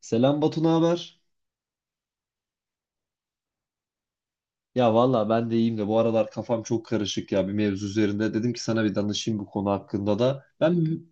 Selam Batu, ne haber? Ya valla ben de iyiyim de bu aralar kafam çok karışık ya bir mevzu üzerinde. Dedim ki sana bir danışayım bu konu hakkında da. Ben bir-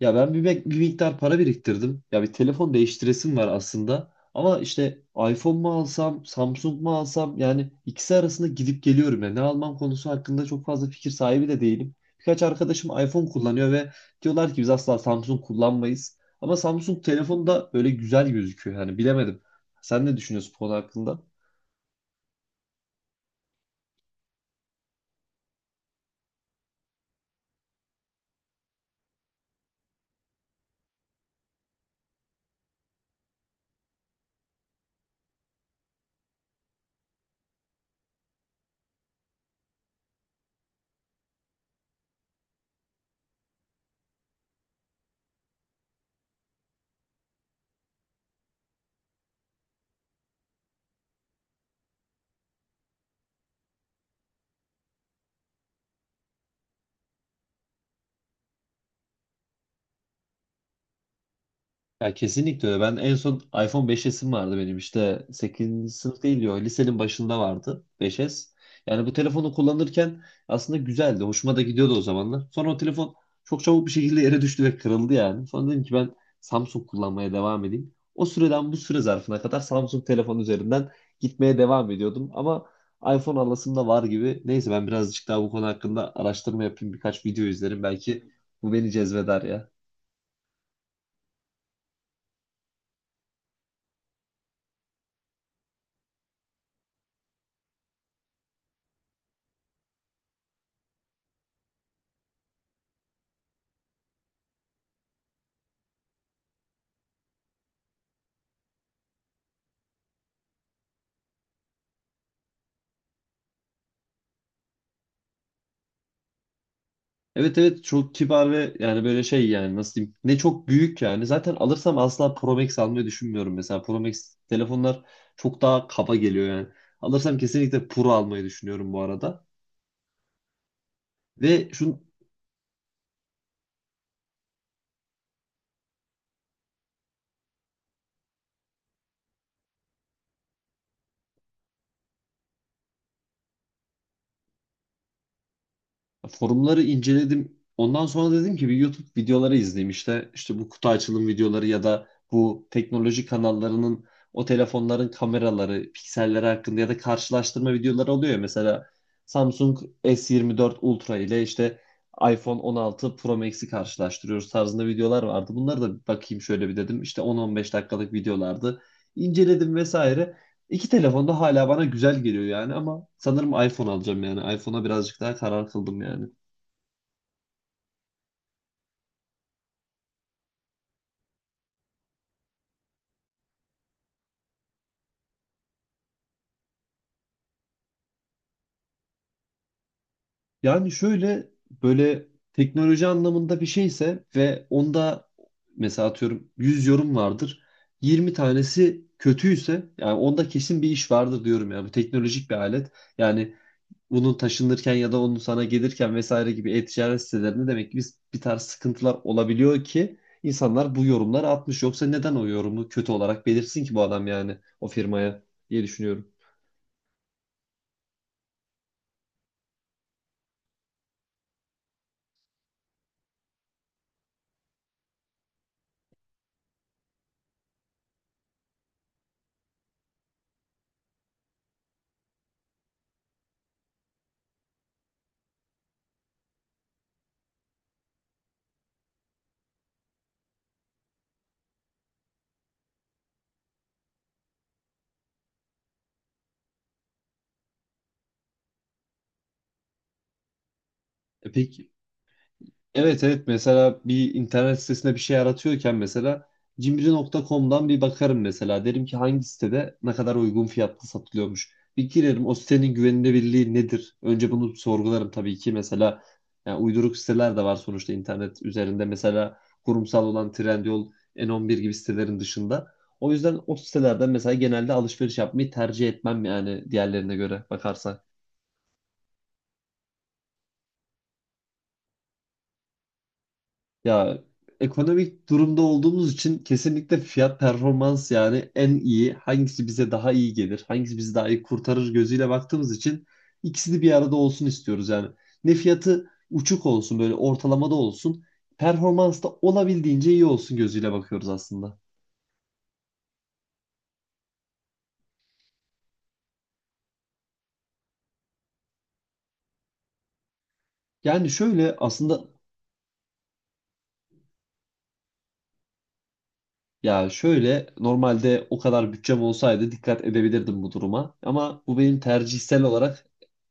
ya ben bir, bek- bir miktar para biriktirdim. Ya bir telefon değiştiresim var aslında. Ama işte iPhone mu alsam, Samsung mu alsam, yani ikisi arasında gidip geliyorum ya. Ne almam konusu hakkında çok fazla fikir sahibi de değilim. Birkaç arkadaşım iPhone kullanıyor ve diyorlar ki biz asla Samsung kullanmayız. Ama Samsung telefonu da böyle güzel gözüküyor, yani bilemedim. Sen ne düşünüyorsun bu konu hakkında? Ya, kesinlikle öyle. Ben en son iPhone 5S'im vardı benim, işte sekizinci sınıf değil diyor. Lisenin başında vardı 5S. Yani bu telefonu kullanırken aslında güzeldi. Hoşuma da gidiyordu o zamanlar. Sonra o telefon çok çabuk bir şekilde yere düştü ve kırıldı yani. Sonra dedim ki ben Samsung kullanmaya devam edeyim. O süreden bu süre zarfına kadar Samsung telefon üzerinden gitmeye devam ediyordum. Ama iPhone alasım da var gibi. Neyse, ben birazcık daha bu konu hakkında araştırma yapayım. Birkaç video izlerim. Belki bu beni cezbeder ya. Evet, evet, çok kibar ve yani böyle şey, yani nasıl diyeyim, ne çok büyük yani. Zaten alırsam asla Pro Max almayı düşünmüyorum, mesela Pro Max telefonlar çok daha kaba geliyor yani. Alırsam kesinlikle Pro almayı düşünüyorum bu arada. Ve şunu... Forumları inceledim. Ondan sonra dedim ki bir YouTube videoları izleyeyim işte. İşte bu kutu açılım videoları ya da bu teknoloji kanallarının o telefonların kameraları, pikselleri hakkında ya da karşılaştırma videoları oluyor ya. Mesela Samsung S24 Ultra ile işte iPhone 16 Pro Max'i karşılaştırıyoruz tarzında videolar vardı. Bunları da bakayım şöyle bir dedim. İşte 10-15 dakikalık videolardı. İnceledim vesaire. İki telefon da hala bana güzel geliyor yani, ama sanırım iPhone alacağım yani. iPhone'a birazcık daha karar kıldım yani. Yani şöyle, böyle teknoloji anlamında bir şeyse ve onda mesela atıyorum 100 yorum vardır. 20 tanesi kötüyse yani onda kesin bir iş vardır diyorum yani. Bu teknolojik bir alet. Yani bunun taşınırken ya da onun sana gelirken vesaire gibi e-ticaret sitelerinde demek ki biz bir tarz sıkıntılar olabiliyor ki insanlar bu yorumları atmış. Yoksa neden o yorumu kötü olarak belirsin ki bu adam, yani o firmaya, diye düşünüyorum. E peki. Evet, evet, mesela bir internet sitesinde bir şey aratıyorken mesela cimri.com'dan bir bakarım mesela. Derim ki hangi sitede ne kadar uygun fiyatlı satılıyormuş. Bir girerim, o sitenin güvenilirliği nedir? Önce bunu sorgularım tabii ki mesela, yani uyduruk siteler de var sonuçta internet üzerinde. Mesela kurumsal olan Trendyol, N11 gibi sitelerin dışında. O yüzden o sitelerden mesela genelde alışveriş yapmayı tercih etmem yani, diğerlerine göre bakarsak. Ya, ekonomik durumda olduğumuz için kesinlikle fiyat performans, yani en iyi hangisi bize daha iyi gelir, hangisi bizi daha iyi kurtarır gözüyle baktığımız için ikisini bir arada olsun istiyoruz yani. Ne fiyatı uçuk olsun, böyle ortalamada olsun, performans da olabildiğince iyi olsun gözüyle bakıyoruz aslında. Yani şöyle aslında, ya şöyle, normalde o kadar bütçem olsaydı dikkat edebilirdim bu duruma, ama bu benim tercihsel olarak...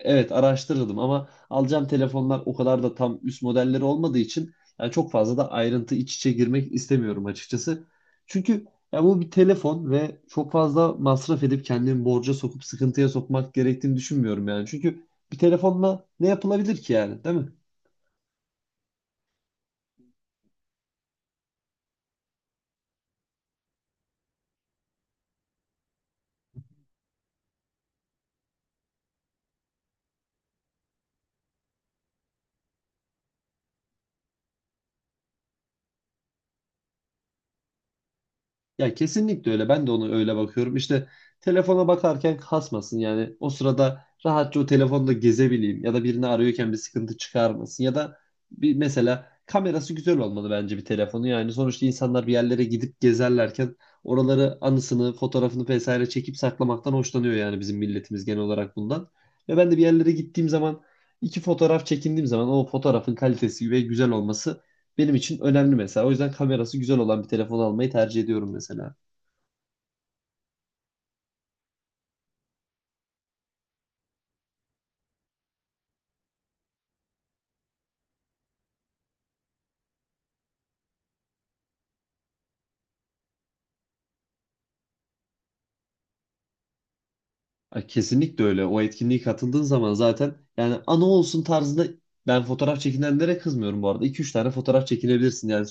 Evet, araştırırdım, ama alacağım telefonlar o kadar da tam üst modelleri olmadığı için yani çok fazla da ayrıntı iç içe girmek istemiyorum açıkçası. Çünkü ya, bu bir telefon ve çok fazla masraf edip kendimi borca sokup sıkıntıya sokmak gerektiğini düşünmüyorum yani. Çünkü bir telefonla ne yapılabilir ki yani, değil mi? Ya kesinlikle öyle. Ben de onu öyle bakıyorum. İşte telefona bakarken kasmasın. Yani o sırada rahatça o telefonda gezebileyim ya da birini arıyorken bir sıkıntı çıkarmasın ya da bir, mesela kamerası güzel olmalı bence bir telefonu. Yani sonuçta insanlar bir yerlere gidip gezerlerken oraları anısını, fotoğrafını vesaire çekip saklamaktan hoşlanıyor, yani bizim milletimiz genel olarak bundan. Ve ben de bir yerlere gittiğim zaman iki fotoğraf çekindiğim zaman o fotoğrafın kalitesi ve güzel olması benim için önemli mesela. O yüzden kamerası güzel olan bir telefon almayı tercih ediyorum mesela. Ay, kesinlikle öyle. O etkinliğe katıldığın zaman zaten yani anı olsun tarzında ben fotoğraf çekinenlere kızmıyorum bu arada. 2 üç tane fotoğraf çekinebilirsin. Yani...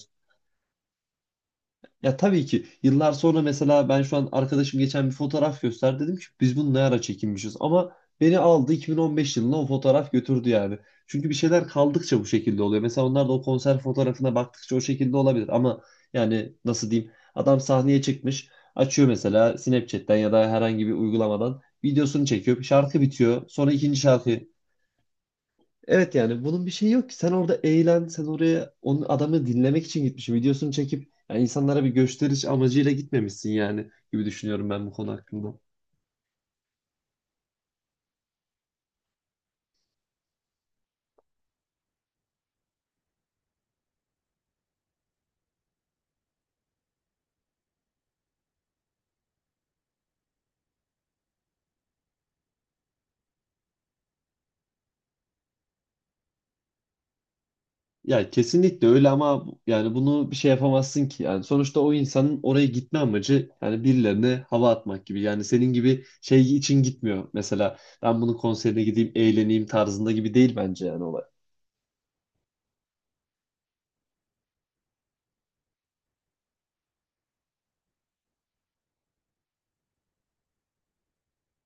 Ya tabii ki, yıllar sonra mesela ben şu an arkadaşım geçen bir fotoğraf gösterdi, dedim ki biz bunu ne ara çekinmişiz ama, beni aldı 2015 yılına o fotoğraf götürdü yani. Çünkü bir şeyler kaldıkça bu şekilde oluyor. Mesela onlar da o konser fotoğrafına baktıkça o şekilde olabilir ama yani nasıl diyeyim, adam sahneye çıkmış, açıyor mesela Snapchat'ten ya da herhangi bir uygulamadan videosunu çekiyor, şarkı bitiyor, sonra ikinci şarkı... Evet yani bunun bir şeyi yok ki. Sen orada eğlen, sen oraya onun adamı dinlemek için gitmişsin. Videosunu çekip yani insanlara bir gösteriş amacıyla gitmemişsin yani, gibi düşünüyorum ben bu konu hakkında. Ya kesinlikle öyle ama, yani bunu bir şey yapamazsın ki. Yani sonuçta o insanın oraya gitme amacı yani birilerine hava atmak gibi. Yani senin gibi şey için gitmiyor. Mesela ben bunun konserine gideyim, eğleneyim tarzında gibi değil bence yani olay.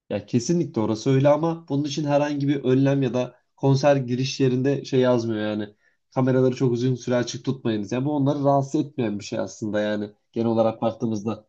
Ya kesinlikle orası öyle, ama bunun için herhangi bir önlem ya da konser giriş yerinde şey yazmıyor yani. Kameraları çok uzun süre açık tutmayınız. Yani bu onları rahatsız etmeyen bir şey aslında, yani genel olarak baktığımızda.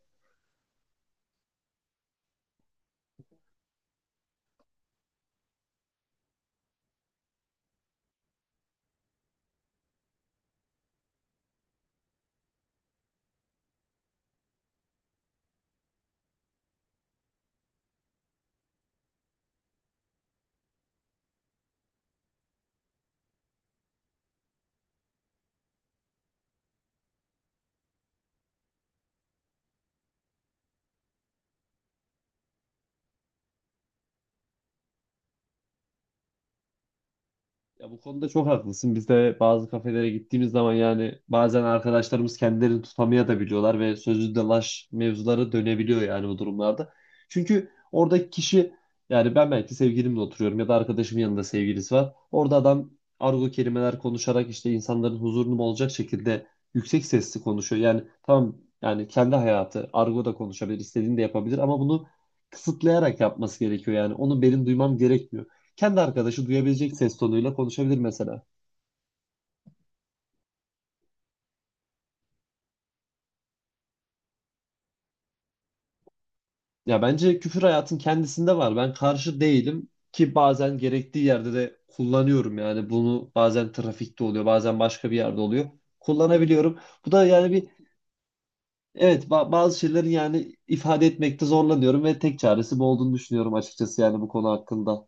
Ya bu konuda çok haklısın. Biz de bazı kafelere gittiğimiz zaman yani bazen arkadaşlarımız kendilerini tutamaya da biliyorlar ve sözlü dalaş mevzuları dönebiliyor yani bu durumlarda. Çünkü oradaki kişi, yani ben belki sevgilimle oturuyorum ya da arkadaşımın yanında sevgilisi var. Orada adam argo kelimeler konuşarak işte insanların huzurunu bozacak şekilde yüksek sesli konuşuyor. Yani tamam, yani kendi hayatı, argo da konuşabilir, istediğini de yapabilir ama bunu kısıtlayarak yapması gerekiyor yani. Onu benim duymam gerekmiyor, kendi arkadaşı duyabilecek ses tonuyla konuşabilir mesela. Ya bence küfür hayatın kendisinde var. Ben karşı değilim ki, bazen gerektiği yerde de kullanıyorum yani bunu, bazen trafikte oluyor, bazen başka bir yerde oluyor. Kullanabiliyorum. Bu da yani evet, bazı şeylerin yani ifade etmekte zorlanıyorum ve tek çaresi bu olduğunu düşünüyorum açıkçası yani bu konu hakkında.